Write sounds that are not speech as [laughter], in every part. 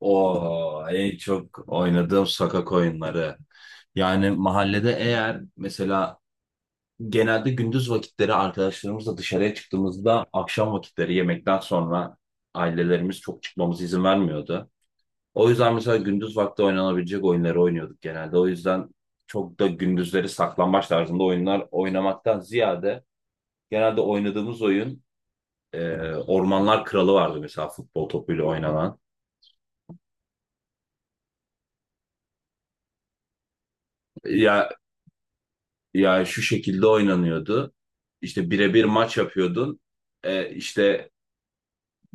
O en çok oynadığım sokak oyunları. Yani mahallede, eğer mesela genelde gündüz vakitleri arkadaşlarımızla dışarıya çıktığımızda akşam vakitleri yemekten sonra ailelerimiz çok çıkmamıza izin vermiyordu. O yüzden mesela gündüz vakti oynanabilecek oyunları oynuyorduk genelde. O yüzden çok da gündüzleri saklambaç tarzında oyunlar oynamaktan ziyade genelde oynadığımız oyun Ormanlar Kralı vardı, mesela futbol topuyla oynanan. Ya Yani şu şekilde oynanıyordu. İşte birebir maç yapıyordun. İşte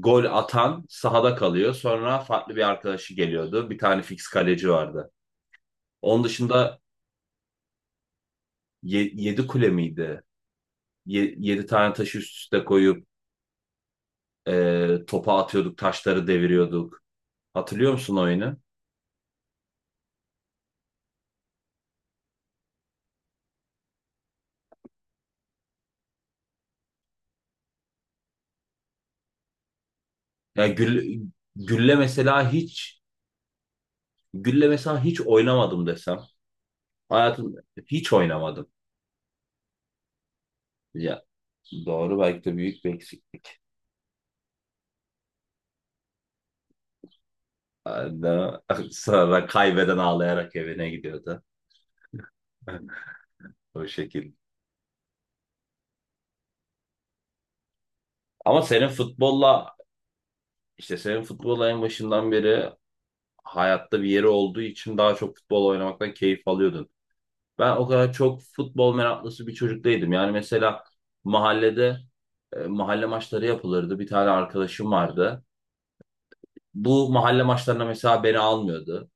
gol atan sahada kalıyor. Sonra farklı bir arkadaşı geliyordu. Bir tane fix kaleci vardı. Onun dışında 7 kule miydi? 7 tane taşı üst üste koyup topa atıyorduk, taşları deviriyorduk. Hatırlıyor musun oyunu? Ya gül, gülle mesela hiç Gülle mesela hiç oynamadım desem. Hayatım hiç oynamadım. Ya, doğru, belki de büyük bir eksik. Aynen. [laughs] Sonra kaybeden ağlayarak evine gidiyordu. [laughs] O şekil. Ama senin futbolla en başından beri hayatta bir yeri olduğu için daha çok futbol oynamaktan keyif alıyordun. Ben o kadar çok futbol meraklısı bir çocuk değildim. Yani mesela mahallede, mahalle maçları yapılırdı. Bir tane arkadaşım vardı. Bu mahalle maçlarına mesela beni almıyordu.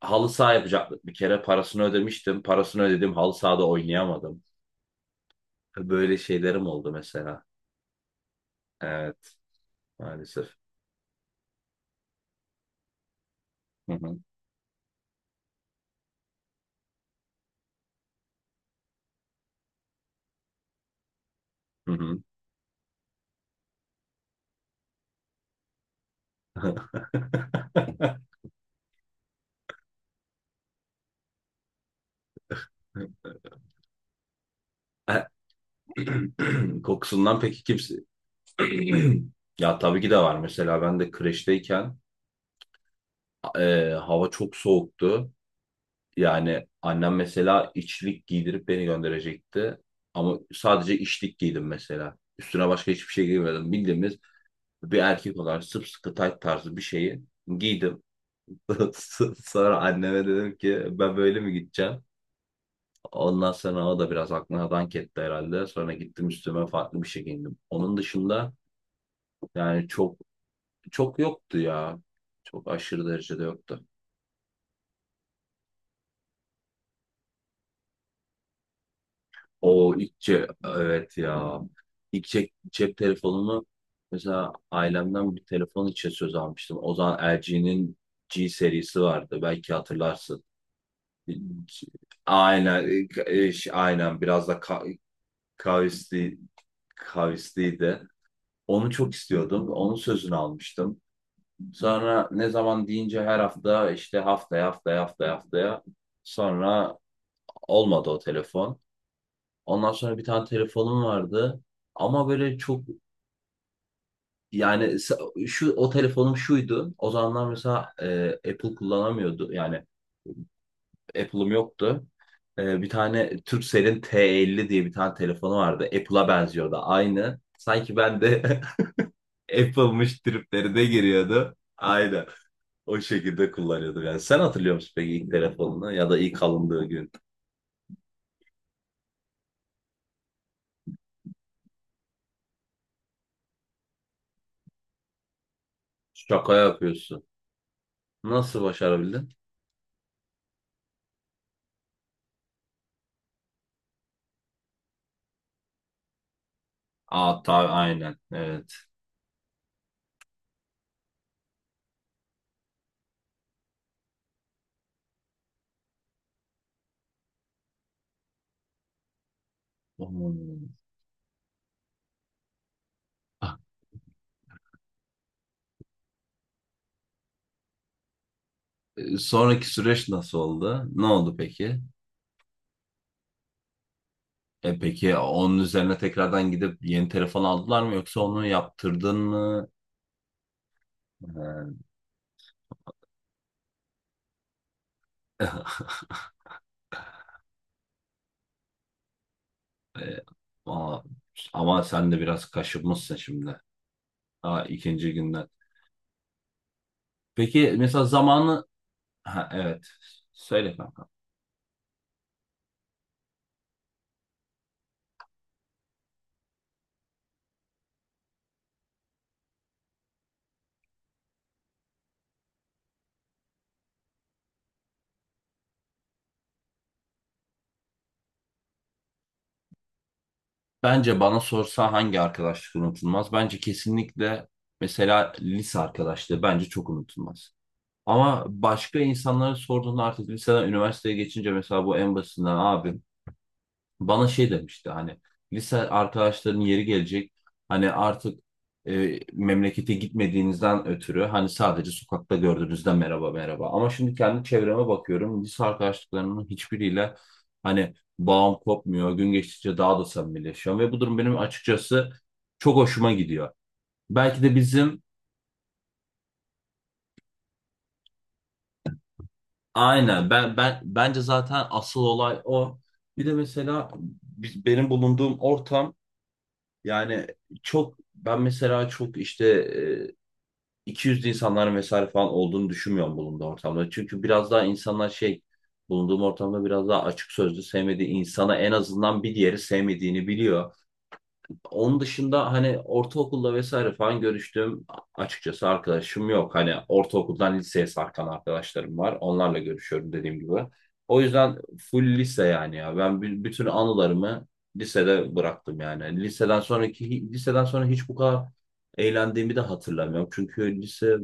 Halı saha yapacaktık bir kere. Parasını ödemiştim. Parasını ödedim. Halı sahada oynayamadım. Böyle şeylerim oldu mesela. Evet. Maalesef. Hı hı. Hı hı. [laughs] Kokusundan peki kimse... [clears throat] Ya, tabii ki de var. Mesela ben de kreşteyken hava çok soğuktu. Yani annem mesela içlik giydirip beni gönderecekti. Ama sadece içlik giydim mesela. Üstüne başka hiçbir şey giymedim. Bildiğimiz bir erkek olarak sımsıkı tayt tarzı bir şeyi giydim. [laughs] Sonra anneme dedim ki ben böyle mi gideceğim? Ondan sonra o da biraz aklına dank etti herhalde. Sonra gittim üstüme farklı bir şey giyindim. Onun dışında yani çok çok yoktu ya. Çok aşırı derecede yoktu. Evet ya. İlk cep telefonunu, mesela ailemden bir telefon için söz almıştım. O zaman LG'nin G serisi vardı. Belki hatırlarsın. Aynen, aynen, biraz da kavisli, kavisliydi. Onu çok istiyordum. Onun sözünü almıştım. Sonra ne zaman deyince her hafta işte haftaya, haftaya, haftaya, haftaya, sonra olmadı o telefon. Ondan sonra bir tane telefonum vardı, ama böyle çok, yani sa- şu o telefonum şuydu. O zamanlar mesela Apple kullanamıyordu, yani Apple'ım yoktu. Bir tane Turkcell'in T50 diye bir tane telefonu vardı. Apple'a benziyordu aynı. Sanki ben de [laughs] Apple'mış triplerine giriyordu. Aynen. O şekilde kullanıyorduk yani. Sen hatırlıyor musun peki ilk telefonunu ya da ilk alındığı gün? Şaka yapıyorsun. Nasıl başarabildin? Aa, tabii, aynen. Evet. Hmm. Ah, sonraki süreç nasıl oldu? Ne oldu peki? E peki onun üzerine tekrardan gidip yeni telefon aldılar mı yoksa onu yaptırdın mı? Ee, [laughs] e, ama, ama sen de biraz kaşınmışsın şimdi. Daha ikinci günden. Peki mesela zamanı... Ha, evet. Söyle. Bence bana sorsa hangi arkadaşlık unutulmaz? Bence kesinlikle mesela lise arkadaşlığı bence çok unutulmaz. Ama başka insanlara sorduğunda artık liseden üniversiteye geçince, mesela bu en basitinden abi bana şey demişti hani lise arkadaşlarının yeri gelecek, hani artık memlekete gitmediğinizden ötürü hani sadece sokakta gördüğünüzde merhaba merhaba, ama şimdi kendi çevreme bakıyorum lise arkadaşlıklarımın hiçbiriyle hani bağım kopmuyor, gün geçtikçe daha da samimileşiyorum ve bu durum benim açıkçası çok hoşuma gidiyor. Belki de bizim, aynen, ben bence zaten asıl olay o. Bir de mesela benim bulunduğum ortam. Yani çok, ben mesela çok işte 200'lü insanların vesaire falan olduğunu düşünmüyorum bulunduğum ortamda. Çünkü biraz daha insanlar şey, bulunduğum ortamda biraz daha açık sözlü, sevmediği insana en azından bir diğeri sevmediğini biliyor. Onun dışında hani ortaokulda vesaire falan görüştüğüm açıkçası arkadaşım yok. Hani ortaokuldan liseye sarkan arkadaşlarım var. Onlarla görüşüyorum dediğim gibi. O yüzden full lise yani ya. Ben bütün anılarımı lisede bıraktım yani. Liseden sonra hiç bu kadar eğlendiğimi de hatırlamıyorum. Çünkü lise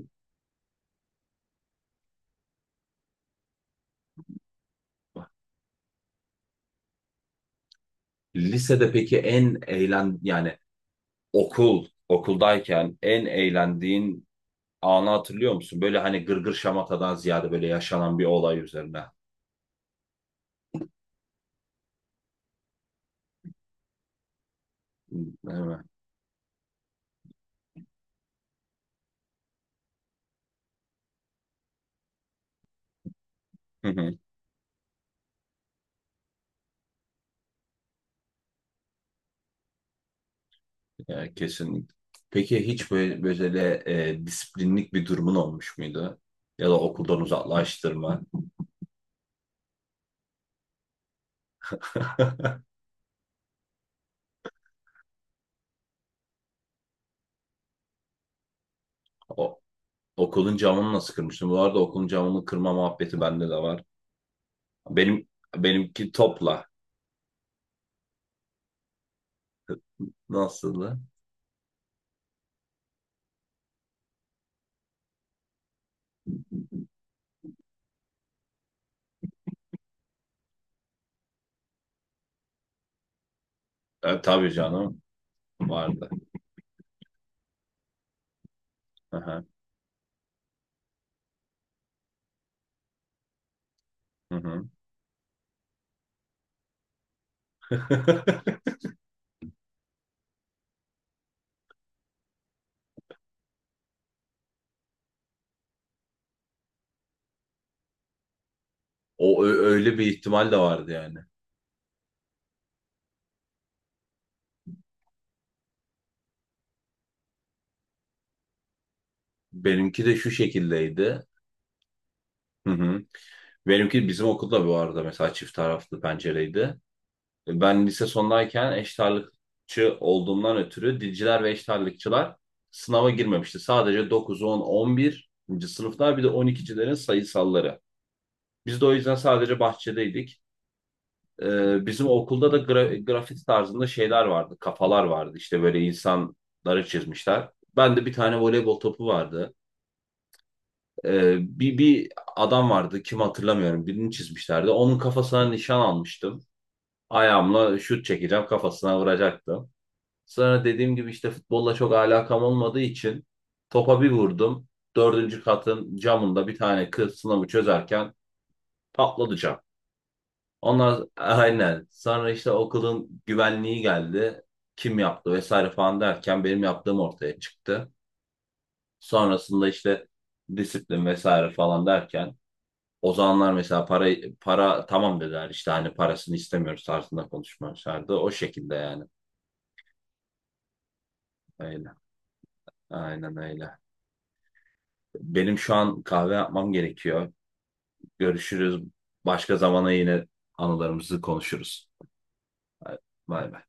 lisede peki en eğlen yani Okuldayken en eğlendiğin anı hatırlıyor musun? Böyle hani gırgır şamatadan ziyade böyle yaşanan bir olay üzerine. Değil mi? [laughs] Hı hı. Yani kesinlikle. Peki hiç böyle disiplinlik bir durumun olmuş muydu? Ya da okuldan uzaklaştırma. [laughs] O, okulun camını nasıl kırmıştın? Bu arada okulun camını kırma muhabbeti bende de var. Benim Benimki topla. Nasıldı? Tabii canım, vardı. Aha, hı hı. [laughs] Öyle bir ihtimal de vardı yani. Benimki de şu şekildeydi. Hı hı. Benimki, bizim okulda bu arada mesela çift taraflı pencereydi. Ben lise sondayken eşit ağırlıkçı olduğumdan ötürü dilciler ve eşit ağırlıkçılar sınava girmemişti. Sadece dokuz, on, 11. sınıflar, bir de 12'cilerin sayısalları. Biz de o yüzden sadece bahçedeydik. Bizim okulda da grafiti tarzında şeyler vardı, kafalar vardı. İşte böyle insanları çizmişler. Ben de bir tane voleybol topu vardı. Bir adam vardı, kim hatırlamıyorum, birini çizmişlerdi. Onun kafasına nişan almıştım. Ayağımla şut çekeceğim, kafasına vuracaktım. Sonra dediğim gibi işte futbolla çok alakam olmadığı için topa bir vurdum. Dördüncü katın camında bir tane kız sınavı çözerken patladı cam. Onlar aynen. Sonra işte okulun güvenliği geldi. Kim yaptı vesaire falan derken benim yaptığım ortaya çıktı. Sonrasında işte disiplin vesaire falan derken o zamanlar mesela para tamam dediler, işte hani parasını istemiyoruz tarzında konuşmamışlardı. O şekilde yani. Öyle. Aynen öyle. Benim şu an kahve yapmam gerekiyor. Görüşürüz. Başka zamana yine anılarımızı konuşuruz. Bay bay.